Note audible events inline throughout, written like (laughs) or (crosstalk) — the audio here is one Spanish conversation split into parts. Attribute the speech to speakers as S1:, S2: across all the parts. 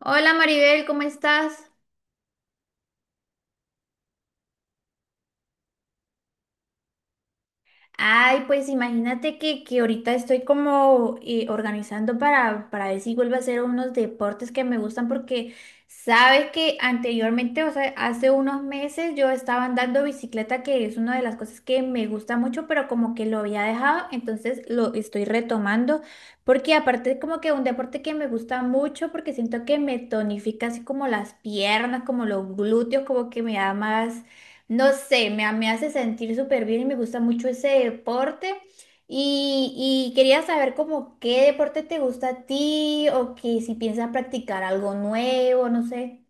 S1: Hola Maribel, ¿cómo estás? Ay, pues imagínate que ahorita estoy como organizando para ver si vuelvo a hacer unos deportes que me gustan porque sabes que anteriormente, o sea, hace unos meses yo estaba andando bicicleta, que es una de las cosas que me gusta mucho, pero como que lo había dejado, entonces lo estoy retomando porque aparte es como que un deporte que me gusta mucho porque siento que me tonifica así como las piernas, como los glúteos, como que me da más. No sé, me hace sentir súper bien y me gusta mucho ese deporte. Y quería saber como qué deporte te gusta a ti o que si piensas practicar algo nuevo, no sé.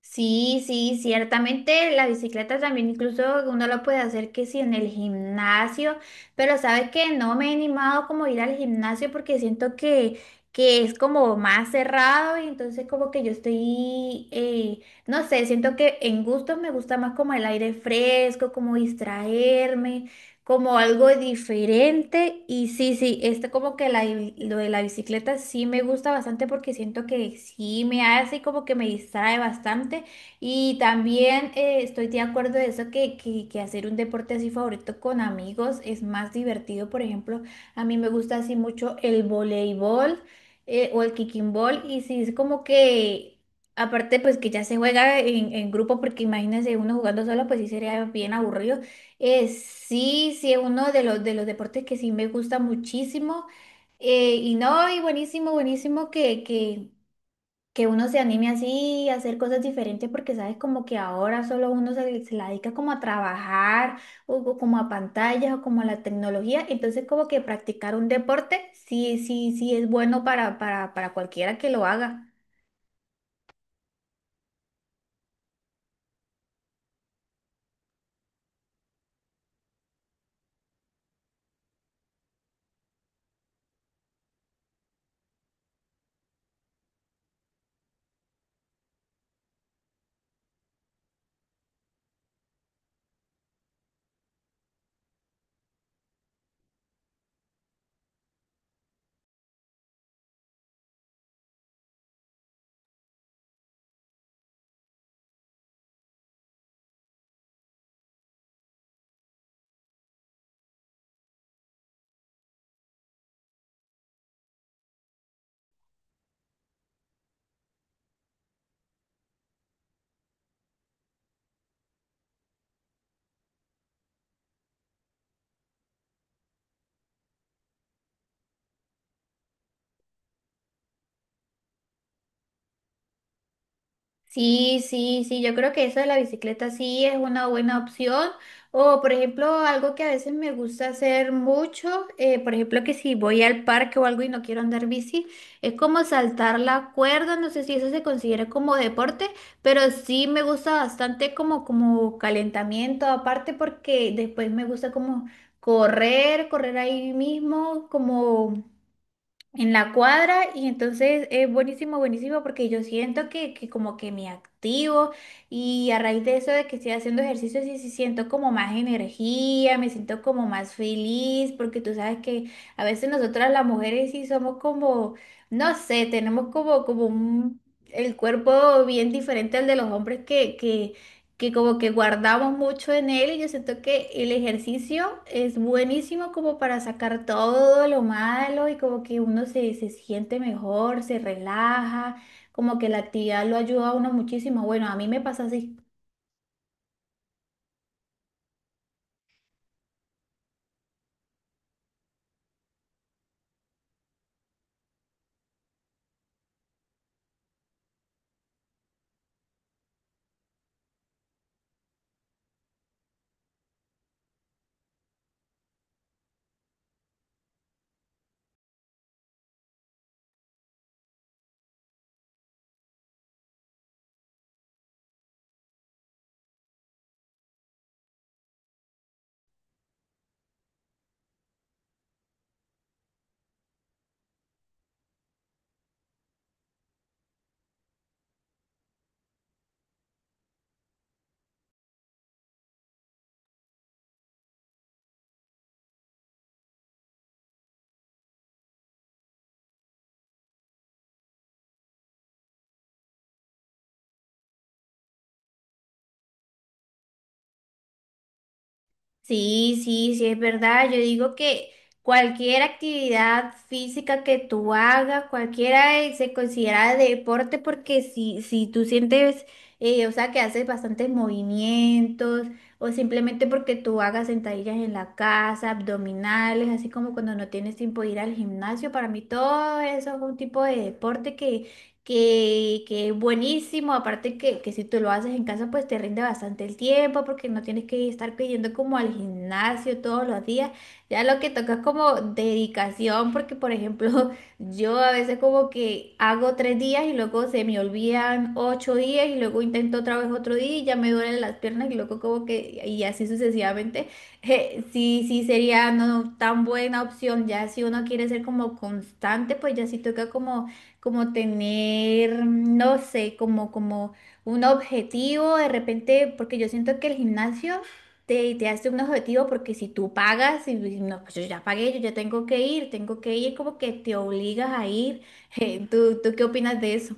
S1: Sí, sí, ciertamente la bicicleta también incluso uno lo puede hacer que si en el gimnasio, pero sabes que no me he animado como a ir al gimnasio porque siento que es como más cerrado y entonces como que yo estoy, no sé, siento que en gustos me gusta más como el aire fresco, como distraerme como algo diferente. Y sí, sí, este como que lo de la bicicleta sí me gusta bastante porque siento que sí me hace como que me distrae bastante. Y también estoy de acuerdo de eso que hacer un deporte así favorito con amigos es más divertido. Por ejemplo, a mí me gusta así mucho el voleibol, o el kicking ball. Y sí, es como que... Aparte, pues que ya se juega en grupo, porque imagínense uno jugando solo, pues sí sería bien aburrido. Sí, sí, es uno de de los deportes que sí me gusta muchísimo. Y no, y buenísimo, buenísimo que uno se anime así a hacer cosas diferentes porque sabes como que ahora solo uno se la dedica como a trabajar o como a pantallas o como a la tecnología. Entonces como que practicar un deporte sí, sí, sí es bueno para cualquiera que lo haga. Sí, sí, sí, yo creo que eso de la bicicleta sí es una buena opción. O, por ejemplo, algo que a veces me gusta hacer mucho, por ejemplo, que si voy al parque o algo y no quiero andar bici, es como saltar la cuerda, no sé si eso se considera como deporte, pero sí me gusta bastante como, como calentamiento, aparte porque después me gusta como correr ahí mismo, como en la cuadra y entonces es buenísimo, buenísimo porque yo siento que como que me activo y a raíz de eso de que estoy haciendo ejercicio sí, sí siento como más energía, me siento como más feliz porque tú sabes que a veces nosotras las mujeres sí somos como, no sé, tenemos como, como un, el cuerpo bien diferente al de los hombres que que como que guardamos mucho en él y yo siento que el ejercicio es buenísimo como para sacar todo lo malo y como que uno se siente mejor, se relaja, como que la actividad lo ayuda a uno muchísimo. Bueno, a mí me pasa así. Sí, sí, sí, es verdad. Yo digo que cualquier actividad física que tú hagas, cualquiera se considera deporte porque si tú sientes, o sea, que haces bastantes movimientos o simplemente porque tú hagas sentadillas en la casa, abdominales, así como cuando no tienes tiempo de ir al gimnasio, para mí todo eso es un tipo de deporte que es buenísimo, aparte que si tú lo haces en casa, pues te rinde bastante el tiempo, porque no tienes que estar pidiendo como al gimnasio todos los días, ya lo que toca es como dedicación, porque por ejemplo, (laughs) yo a veces como que hago tres días y luego se me olvidan ocho días y luego intento otra vez otro día y ya me duelen las piernas y luego como que, y así sucesivamente, (laughs) sí, sí sería no no, tan buena opción, ya si uno quiere ser como constante, pues ya sí toca como como tener, mm, no sé, como, como un objetivo de repente, porque yo siento que el gimnasio te hace un objetivo porque si tú pagas y no, pues yo ya pagué, yo ya tengo que ir, como que te obligas a ir. (laughs) ¿Tú qué opinas de eso?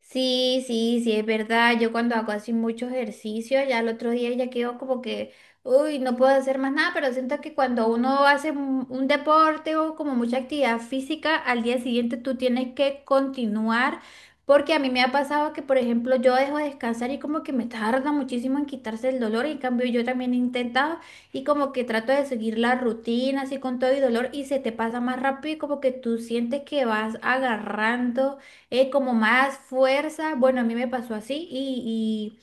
S1: Sí, sí, sí, es verdad. Yo cuando hago así mucho ejercicio, ya el otro día ya quedo como que, uy, no puedo hacer más nada, pero siento que cuando uno hace un deporte o como mucha actividad física, al día siguiente tú tienes que continuar, porque a mí me ha pasado que, por ejemplo, yo dejo de descansar y como que me tarda muchísimo en quitarse el dolor, y en cambio yo también he intentado y como que trato de seguir la rutina así con todo y dolor y se te pasa más rápido y como que tú sientes que vas agarrando como más fuerza. Bueno, a mí me pasó así. Y,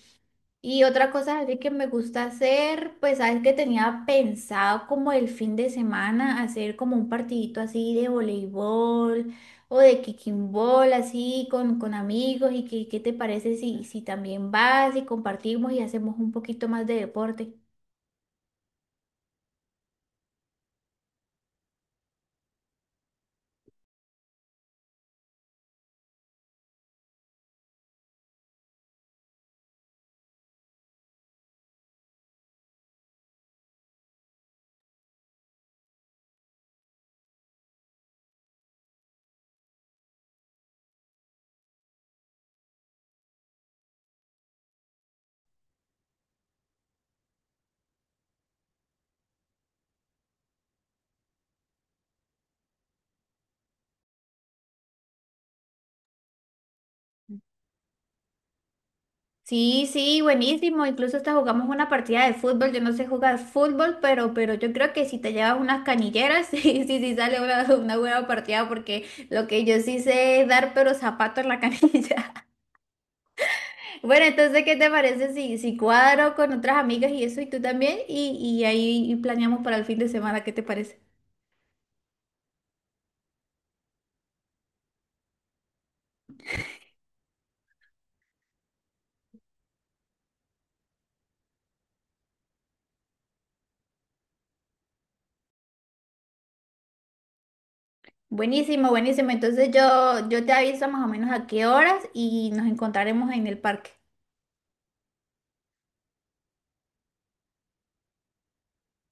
S1: y, Y otra cosa así que me gusta hacer, pues sabes que tenía pensado como el fin de semana hacer como un partidito así de voleibol o de kicking ball así con amigos. ¿Y qué te parece si también vas y compartimos y hacemos un poquito más de deporte? Sí, sí, buenísimo. Incluso hasta jugamos una partida de fútbol. Yo no sé jugar fútbol, pero yo creo que si te llevas unas canilleras, (laughs) sí, sí, sí sale una buena partida, porque lo que yo sí sé es dar, pero zapato en la canilla. (laughs) Bueno, entonces, ¿qué te parece si cuadro con otras amigas y eso, y tú también? Y ahí planeamos para el fin de semana, ¿qué te parece? Buenísimo, buenísimo. Entonces yo te aviso más o menos a qué horas y nos encontraremos en el parque.